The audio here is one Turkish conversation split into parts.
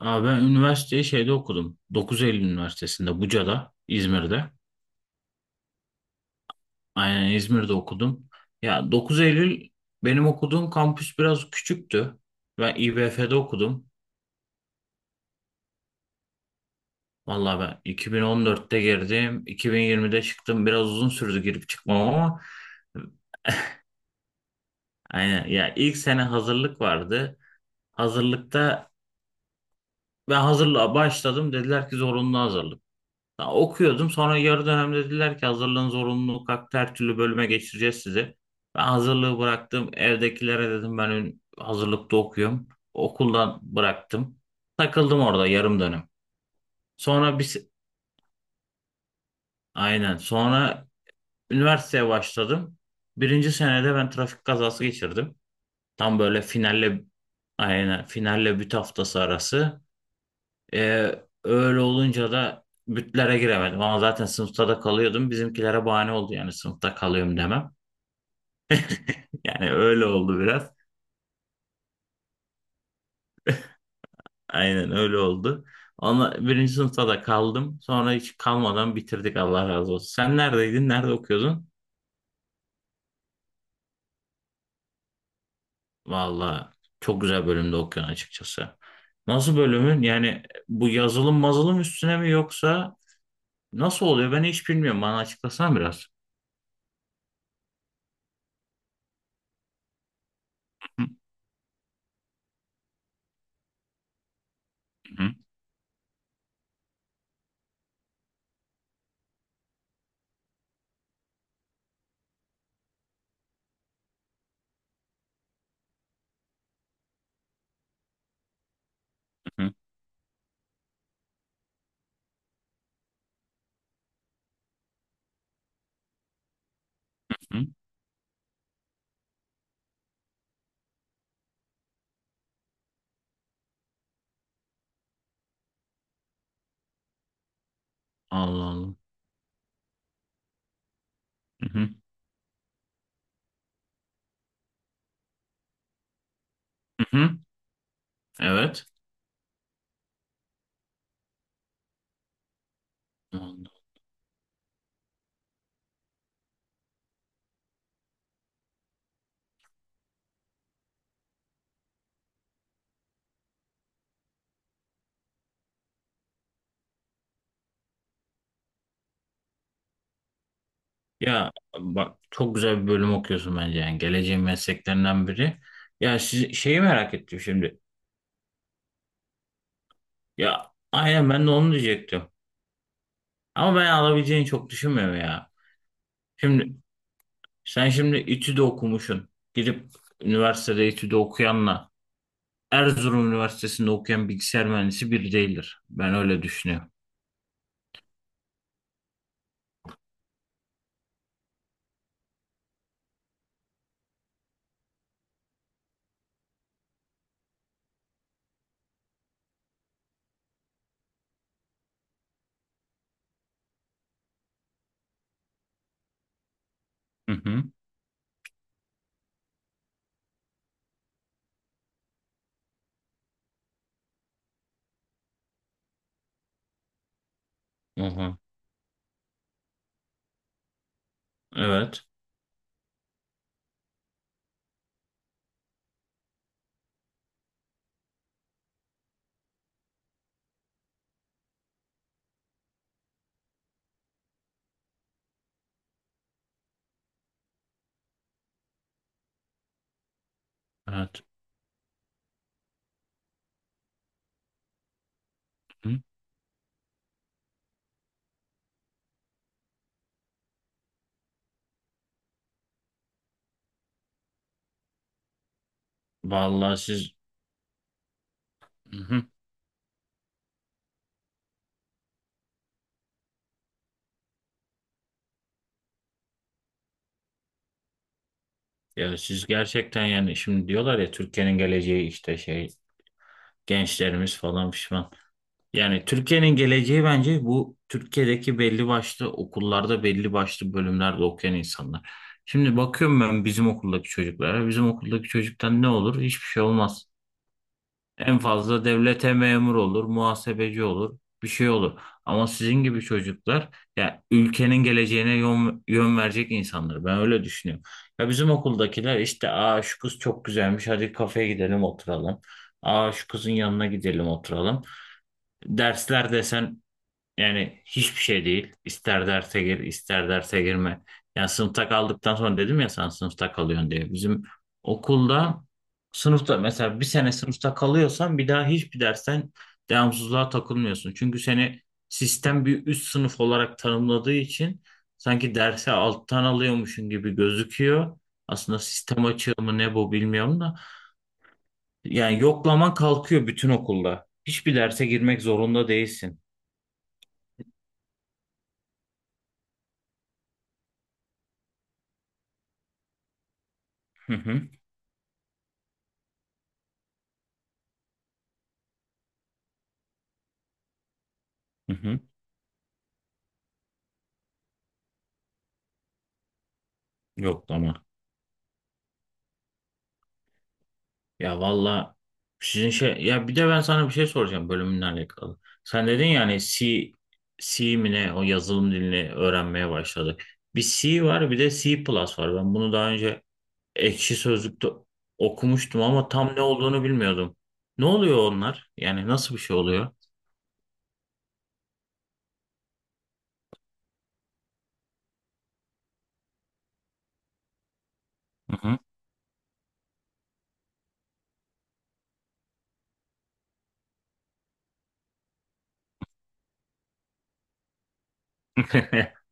Abi ben üniversiteyi şeyde okudum. 9 Eylül Üniversitesi'nde Buca'da, İzmir'de. Aynen İzmir'de okudum. Ya 9 Eylül benim okuduğum kampüs biraz küçüktü. Ben İBF'de okudum. Vallahi ben 2014'te girdim, 2020'de çıktım. Biraz uzun sürdü girip çıkmam ama aynen ya ilk sene hazırlık vardı. Hazırlıkta ben hazırlığa başladım, dediler ki zorunlu hazırlık. Ya okuyordum, sonra yarı dönem dediler ki hazırlığın zorunluluğu kalktı, her türlü bölüme geçireceğiz sizi. Ben hazırlığı bıraktım, evdekilere dedim ben hazırlıkta okuyorum. Okuldan bıraktım. Takıldım orada yarım dönem. Sonra bir, aynen, sonra üniversiteye başladım. Birinci senede ben trafik kazası geçirdim. Tam böyle finalle büt haftası arası. Ee, Öyle olunca da bütlere giremedim ama zaten sınıfta da kalıyordum. Bizimkilere bahane oldu yani sınıfta kalıyorum demem. Yani öyle oldu biraz. Aynen öyle oldu. Ama birinci sınıfta da kaldım. Sonra hiç kalmadan bitirdik, Allah razı olsun. Sen neredeydin? Nerede okuyordun? Valla çok güzel bölümde okuyorsun açıkçası. Nasıl bölümün? Yani bu yazılım mazılım üstüne mi, yoksa nasıl oluyor? Ben hiç bilmiyorum. Bana açıklasan biraz. Hı hı. Hı hı. Allah Allah. Hı hı hı. Hı. Evet. Anladım. Ya bak, çok güzel bir bölüm okuyorsun bence, yani geleceğin mesleklerinden biri. Ya siz, şeyi merak ettim şimdi. Ya aynen, ben de onu diyecektim. Ama ben alabileceğini çok düşünmüyorum ya. Şimdi sen şimdi İTÜ'de okumuşsun. Gidip üniversitede İTÜ'de okuyanla Erzurum Üniversitesi'nde okuyan bilgisayar mühendisi bir değildir. Ben öyle düşünüyorum. Hı hı. Hı hı. Evet. Evet. Hı. Vallahi siz. Hı hı. Ya siz gerçekten, yani şimdi diyorlar ya, Türkiye'nin geleceği işte şey, gençlerimiz falan pişman. Yani Türkiye'nin geleceği bence bu Türkiye'deki belli başlı okullarda belli başlı bölümlerde okuyan insanlar. Şimdi bakıyorum ben bizim okuldaki çocuklara. Bizim okuldaki çocuktan ne olur? Hiçbir şey olmaz. En fazla devlete memur olur, muhasebeci olur, bir şey olur. Ama sizin gibi çocuklar ya ülkenin geleceğine yön, yön verecek insanlar. Ben öyle düşünüyorum. Ya bizim okuldakiler işte, aa şu kız çok güzelmiş, hadi kafeye gidelim oturalım. Aa şu kızın yanına gidelim oturalım. Dersler desen yani hiçbir şey değil. İster derse gir, ister derse girme. Yani sınıfta kaldıktan sonra, dedim ya sen sınıfta kalıyorsun diye. Bizim okulda sınıfta mesela bir sene sınıfta kalıyorsan, bir daha hiçbir dersten devamsızlığa takılmıyorsun. Çünkü seni sistem bir üst sınıf olarak tanımladığı için sanki derse alttan alıyormuşsun gibi gözüküyor. Aslında sistem açığı mı ne, bu bilmiyorum da. Yani yoklaman kalkıyor bütün okulda. Hiçbir derse girmek zorunda değilsin. Hı hı. Hı hı. Yok ama. Ya valla sizin şey, ya bir de ben sana bir şey soracağım bölümünle alakalı. Sen dedin ya hani C, C mi ne o yazılım dilini öğrenmeye başladık. Bir C var, bir de C plus var. Ben bunu daha önce Ekşi Sözlük'te okumuştum ama tam ne olduğunu bilmiyordum. Ne oluyor onlar? Yani nasıl bir şey oluyor? Hı hı.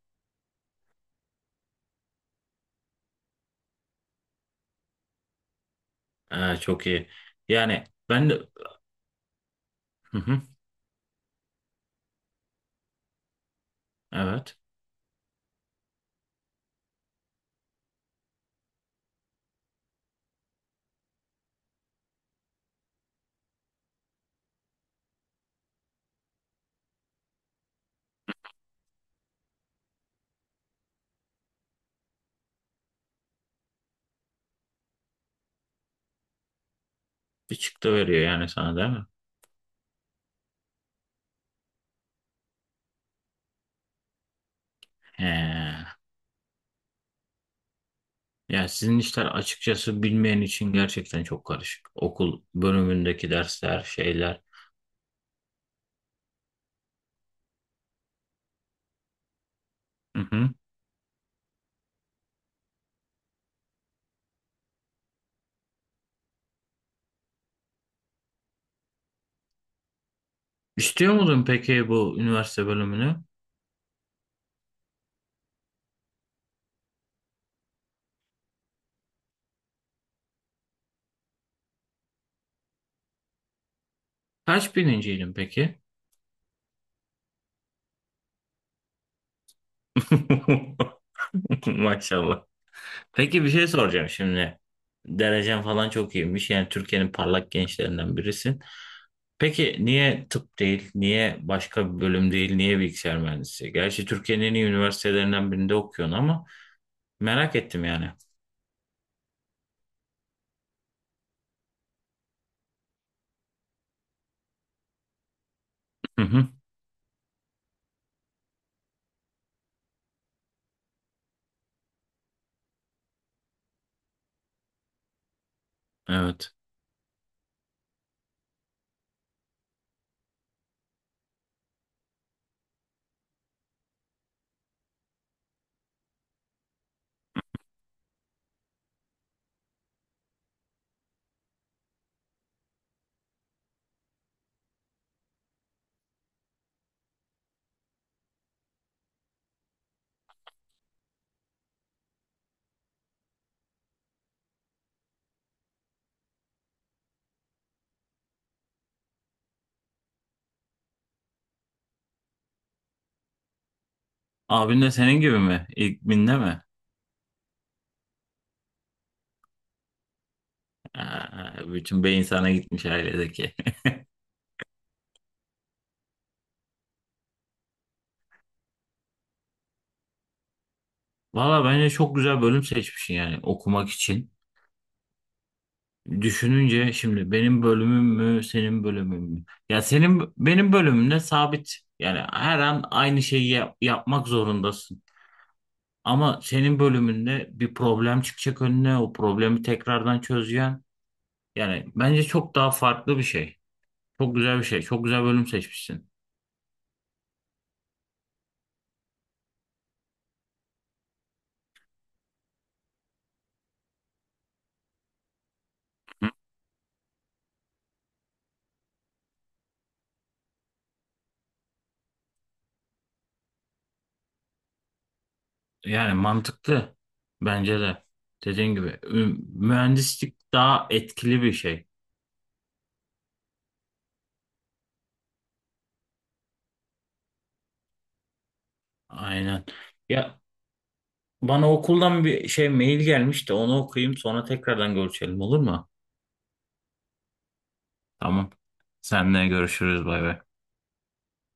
Ha, çok iyi. Yani ben de. Hı hı, evet. Bir çıktı veriyor yani sana, değil mi? He. Yani sizin işler açıkçası bilmeyen için gerçekten çok karışık. Okul bölümündeki dersler, şeyler. Hı hı. İstiyor muydun peki bu üniversite bölümünü? Kaç birinciydin peki? Maşallah. Peki bir şey soracağım şimdi. Derecen falan çok iyiymiş. Yani Türkiye'nin parlak gençlerinden birisin. Peki niye tıp değil, niye başka bir bölüm değil, niye bilgisayar mühendisi? Gerçi Türkiye'nin en iyi üniversitelerinden birinde okuyorsun ama merak ettim yani. Hı hı. Evet. Abin de senin gibi mi? İlk binde mi? Aa, bütün beyin sana gitmiş ailedeki. Valla bence çok güzel bölüm seçmişsin yani okumak için. Düşününce şimdi benim bölümüm mü, senin bölümün mü? Ya senin, benim bölümümde sabit. Yani her an aynı şeyi yapmak zorundasın. Ama senin bölümünde bir problem çıkacak önüne, o problemi tekrardan çözeceksin. Yani bence çok daha farklı bir şey. Çok güzel bir şey. Çok güzel bölüm seçmişsin. Yani mantıklı bence de. Dediğin gibi mühendislik daha etkili bir şey. Aynen. Ya bana okuldan bir şey mail gelmiş de onu okuyayım, sonra tekrardan görüşelim, olur mu? Tamam. Seninle görüşürüz, bay bay.